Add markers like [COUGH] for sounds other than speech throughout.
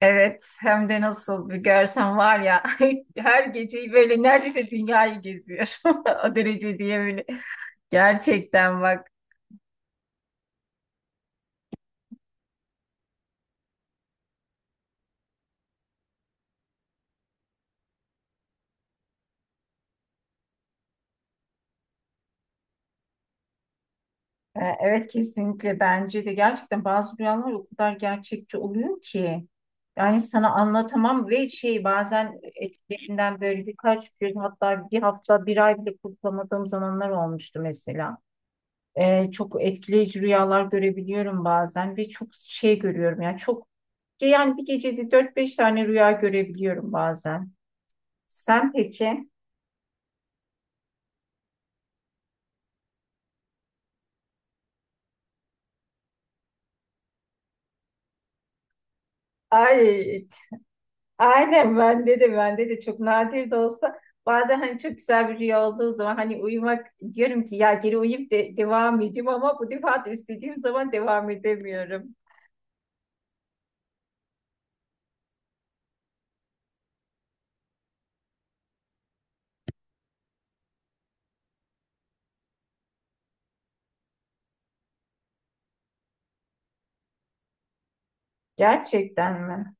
Evet, hem de nasıl bir görsen var ya. [LAUGHS] Her geceyi böyle neredeyse dünyayı geziyor. [LAUGHS] O derece diye böyle. Gerçekten bak. Evet, kesinlikle bence de gerçekten bazı rüyalar o kadar gerçekçi oluyor ki. Yani sana anlatamam ve şey, bazen etkilerinden böyle birkaç gün, hatta bir hafta, bir ay bile kurtulamadığım zamanlar olmuştu mesela. Çok etkileyici rüyalar görebiliyorum bazen ve çok şey görüyorum yani, çok, yani bir gecede dört beş tane rüya görebiliyorum bazen. Sen peki? Ay, aynen, bende de çok nadir de olsa bazen hani çok güzel bir rüya olduğu zaman, hani uyumak, diyorum ki ya geri uyuyup de devam edeyim, ama bu defa da istediğim zaman devam edemiyorum. Gerçekten mi?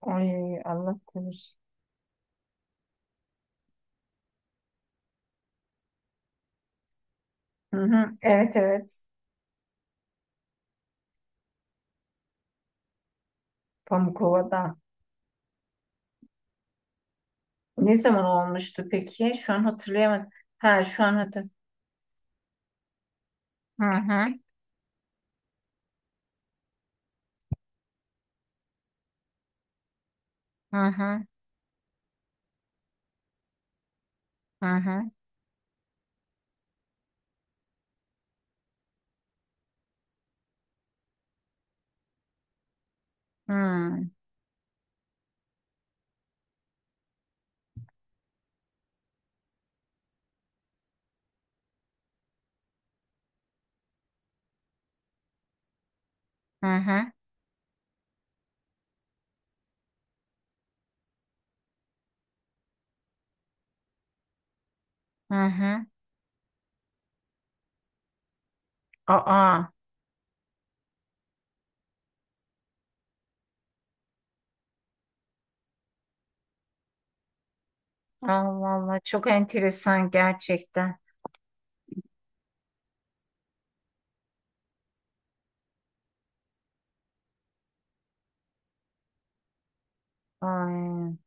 Ay, Allah korusun. Hı hı, evet, evet. Pamukova'da. Ne zaman olmuştu peki? Şu an hatırlayamadım. Ha, şu an hatır. Hı hı. Hı hı. Hı hı. Hı hı. Hı hı. Aa. Allah Allah, çok enteresan gerçekten. Ay.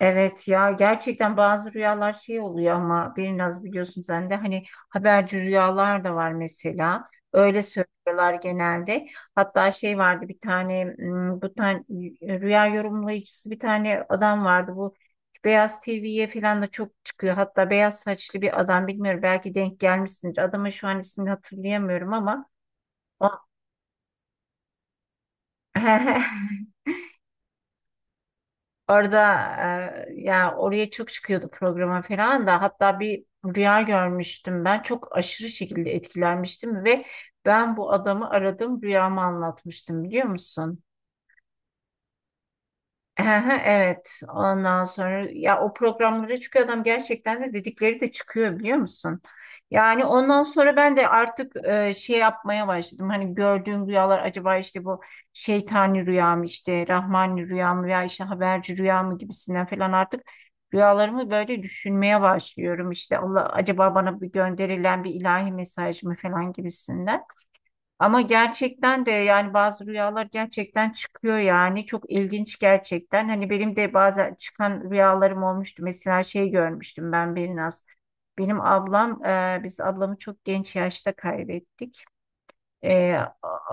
Evet ya, gerçekten bazı rüyalar şey oluyor ama biraz biliyorsun sen de, hani haberci rüyalar da var mesela. Öyle söylüyorlar genelde. Hatta şey vardı bir tane, bu tane rüya yorumlayıcısı bir tane adam vardı, bu Beyaz TV'ye falan da çok çıkıyor. Hatta beyaz saçlı bir adam, bilmiyorum, belki denk gelmişsindir. Adamın şu an ismini hatırlayamıyorum ama o. [LAUGHS] Orada, yani oraya çok çıkıyordu programa falan da, hatta bir rüya görmüştüm, ben çok aşırı şekilde etkilenmiştim ve ben bu adamı aradım, rüyamı anlatmıştım, biliyor musun? Evet, ondan sonra ya o programlara çıkıyor adam, gerçekten de dedikleri de çıkıyor, biliyor musun? Yani ondan sonra ben de artık şey yapmaya başladım. Hani gördüğüm rüyalar acaba işte bu şeytani rüya mı, işte rahmani rüya mı, veya işte haberci rüya mı gibisinden falan, artık rüyalarımı böyle düşünmeye başlıyorum. İşte Allah acaba bana bir gönderilen bir ilahi mesaj mı falan gibisinden. Ama gerçekten de yani bazı rüyalar gerçekten çıkıyor, yani çok ilginç gerçekten. Hani benim de bazen çıkan rüyalarım olmuştu. Mesela şey görmüştüm ben biraz. Biz ablamı çok genç yaşta kaybettik. E, a-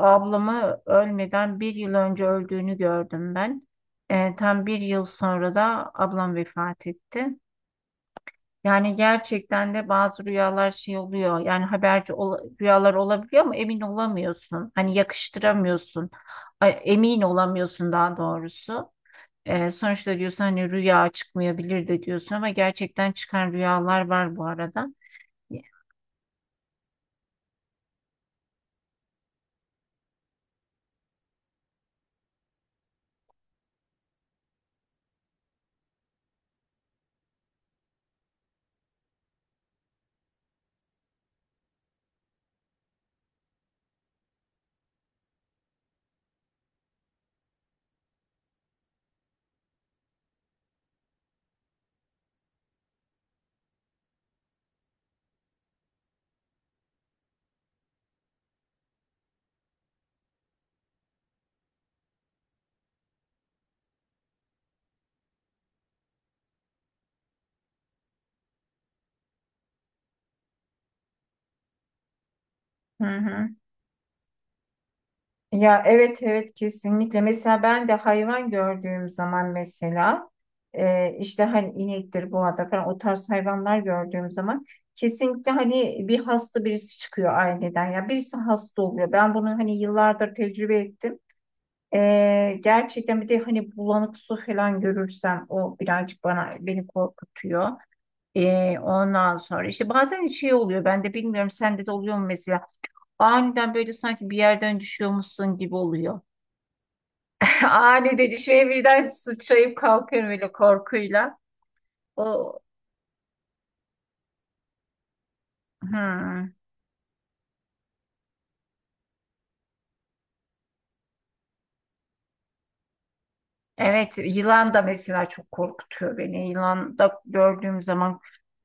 ablamı ölmeden bir yıl önce öldüğünü gördüm ben. Tam bir yıl sonra da ablam vefat etti. Yani gerçekten de bazı rüyalar şey oluyor. Yani haberci rüyalar olabiliyor ama emin olamıyorsun. Hani yakıştıramıyorsun. Ay, emin olamıyorsun daha doğrusu. Sonuçta diyorsun hani rüya çıkmayabilir de diyorsun, ama gerçekten çıkan rüyalar var bu arada. Hı hı. Ya evet, evet kesinlikle. Mesela ben de hayvan gördüğüm zaman, mesela işte hani inektir, boğadır falan, o tarz hayvanlar gördüğüm zaman kesinlikle hani bir hasta birisi çıkıyor aileden. Ya birisi hasta oluyor. Ben bunu hani yıllardır tecrübe ettim. Gerçekten, bir de hani bulanık su falan görürsem o birazcık bana, beni korkutuyor. Ondan sonra işte bazen şey oluyor, ben de bilmiyorum sende de oluyor mu mesela, aniden böyle sanki bir yerden düşüyormuşsun gibi oluyor. [LAUGHS] Ani dedi, şöyle birden sıçrayıp kalkıyorum öyle korkuyla. O. Hmm. Evet, yılan da mesela çok korkutuyor beni. Yılan da gördüğüm zaman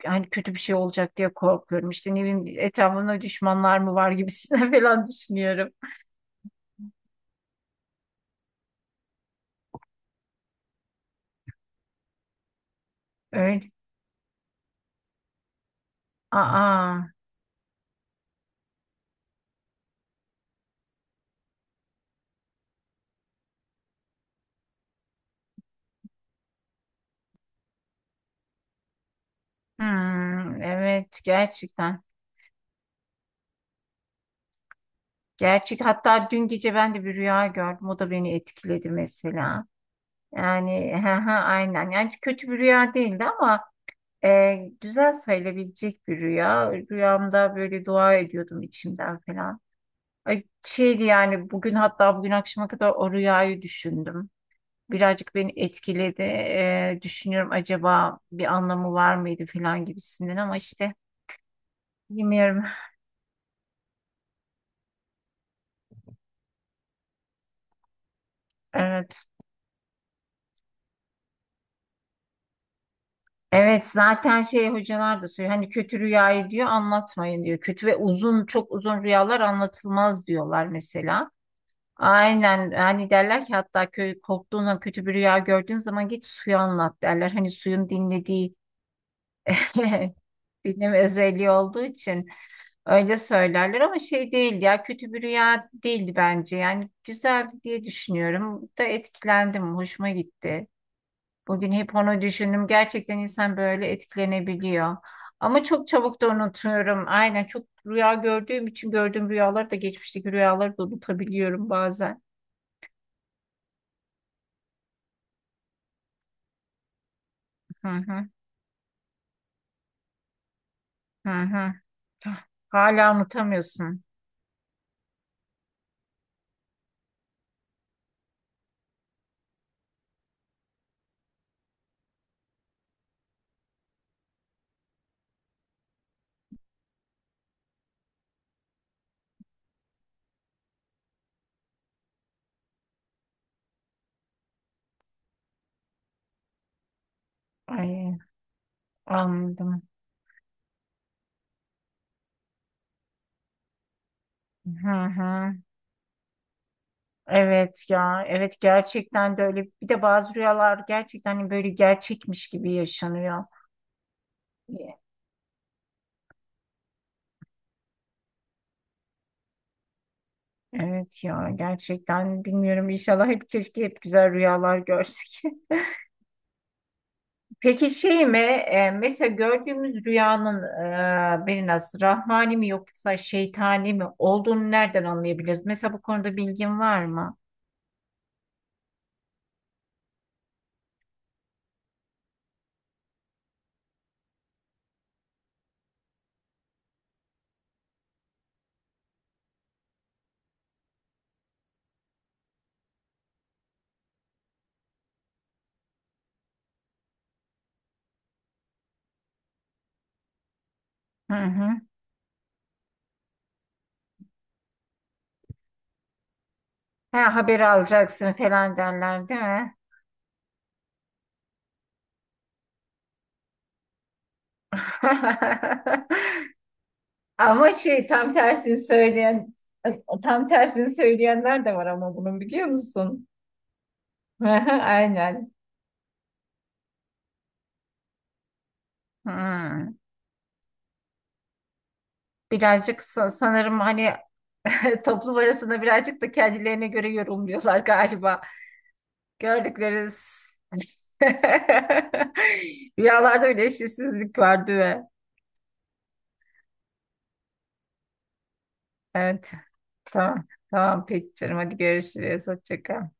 hani kötü bir şey olacak diye korkuyorum. İşte ne bileyim, etrafımda düşmanlar mı var gibisinden [LAUGHS] falan düşünüyorum. Öyle. Aa. Hmm. Evet, gerçekten. Gerçek, hatta dün gece ben de bir rüya gördüm. O da beni etkiledi mesela. Yani [LAUGHS] hı hı, aynen. Yani kötü bir rüya değildi ama güzel sayılabilecek bir rüya. Rüyamda böyle dua ediyordum içimden falan. Ay, şeydi yani, bugün, hatta bugün akşama kadar o rüyayı düşündüm. Birazcık beni etkiledi. Düşünüyorum, acaba bir anlamı var mıydı falan gibisinden, ama işte bilmiyorum. [LAUGHS] Evet. Evet, zaten şey hocalar da söylüyor. Hani kötü rüyayı diyor anlatmayın diyor. Kötü ve uzun, çok uzun rüyalar anlatılmaz diyorlar mesela. Aynen, hani derler ki hatta, köy korktuğun zaman, kötü bir rüya gördüğün zaman git suyu anlat derler. Hani suyun dinlediği, [LAUGHS] dinleme özelliği olduğu için öyle söylerler, ama şey değil ya, kötü bir rüya değildi bence. Yani güzeldi diye düşünüyorum. Da etkilendim, hoşuma gitti. Bugün hep onu düşündüm. Gerçekten insan böyle etkilenebiliyor. Ama çok çabuk da unutuyorum. Aynen, çok rüya gördüğüm için gördüğüm rüyaları da, geçmişteki rüyaları da unutabiliyorum bazen. Hı hı. Hı hı. Hah, hala unutamıyorsun. Ay, anladım. Hı hı. Evet ya, evet gerçekten de öyle. Bir de bazı rüyalar gerçekten hani böyle gerçekmiş gibi yaşanıyor. Evet ya, gerçekten bilmiyorum. İnşallah hep, keşke hep güzel rüyalar görsek. [LAUGHS] Peki şey mi, mesela gördüğümüz rüyanın bir nasıl rahmani mi yoksa şeytani mi olduğunu nereden anlayabiliriz? Mesela bu konuda bilgin var mı? Hı hı. Ha, haberi alacaksın falan derler değil mi? [LAUGHS] Ama şey tam tersini söyleyen, tam tersini söyleyenler de var ama bunun, biliyor musun? [LAUGHS] Aynen. Hmm. Birazcık sanırım hani [LAUGHS] toplum arasında birazcık da kendilerine göre yorumluyorlar galiba. Gördükleri [LAUGHS] rüyalarda öyle eşitsizlik var değil mi? Evet. Tamam. Tamam peki canım. Hadi görüşürüz. Hoşça kal.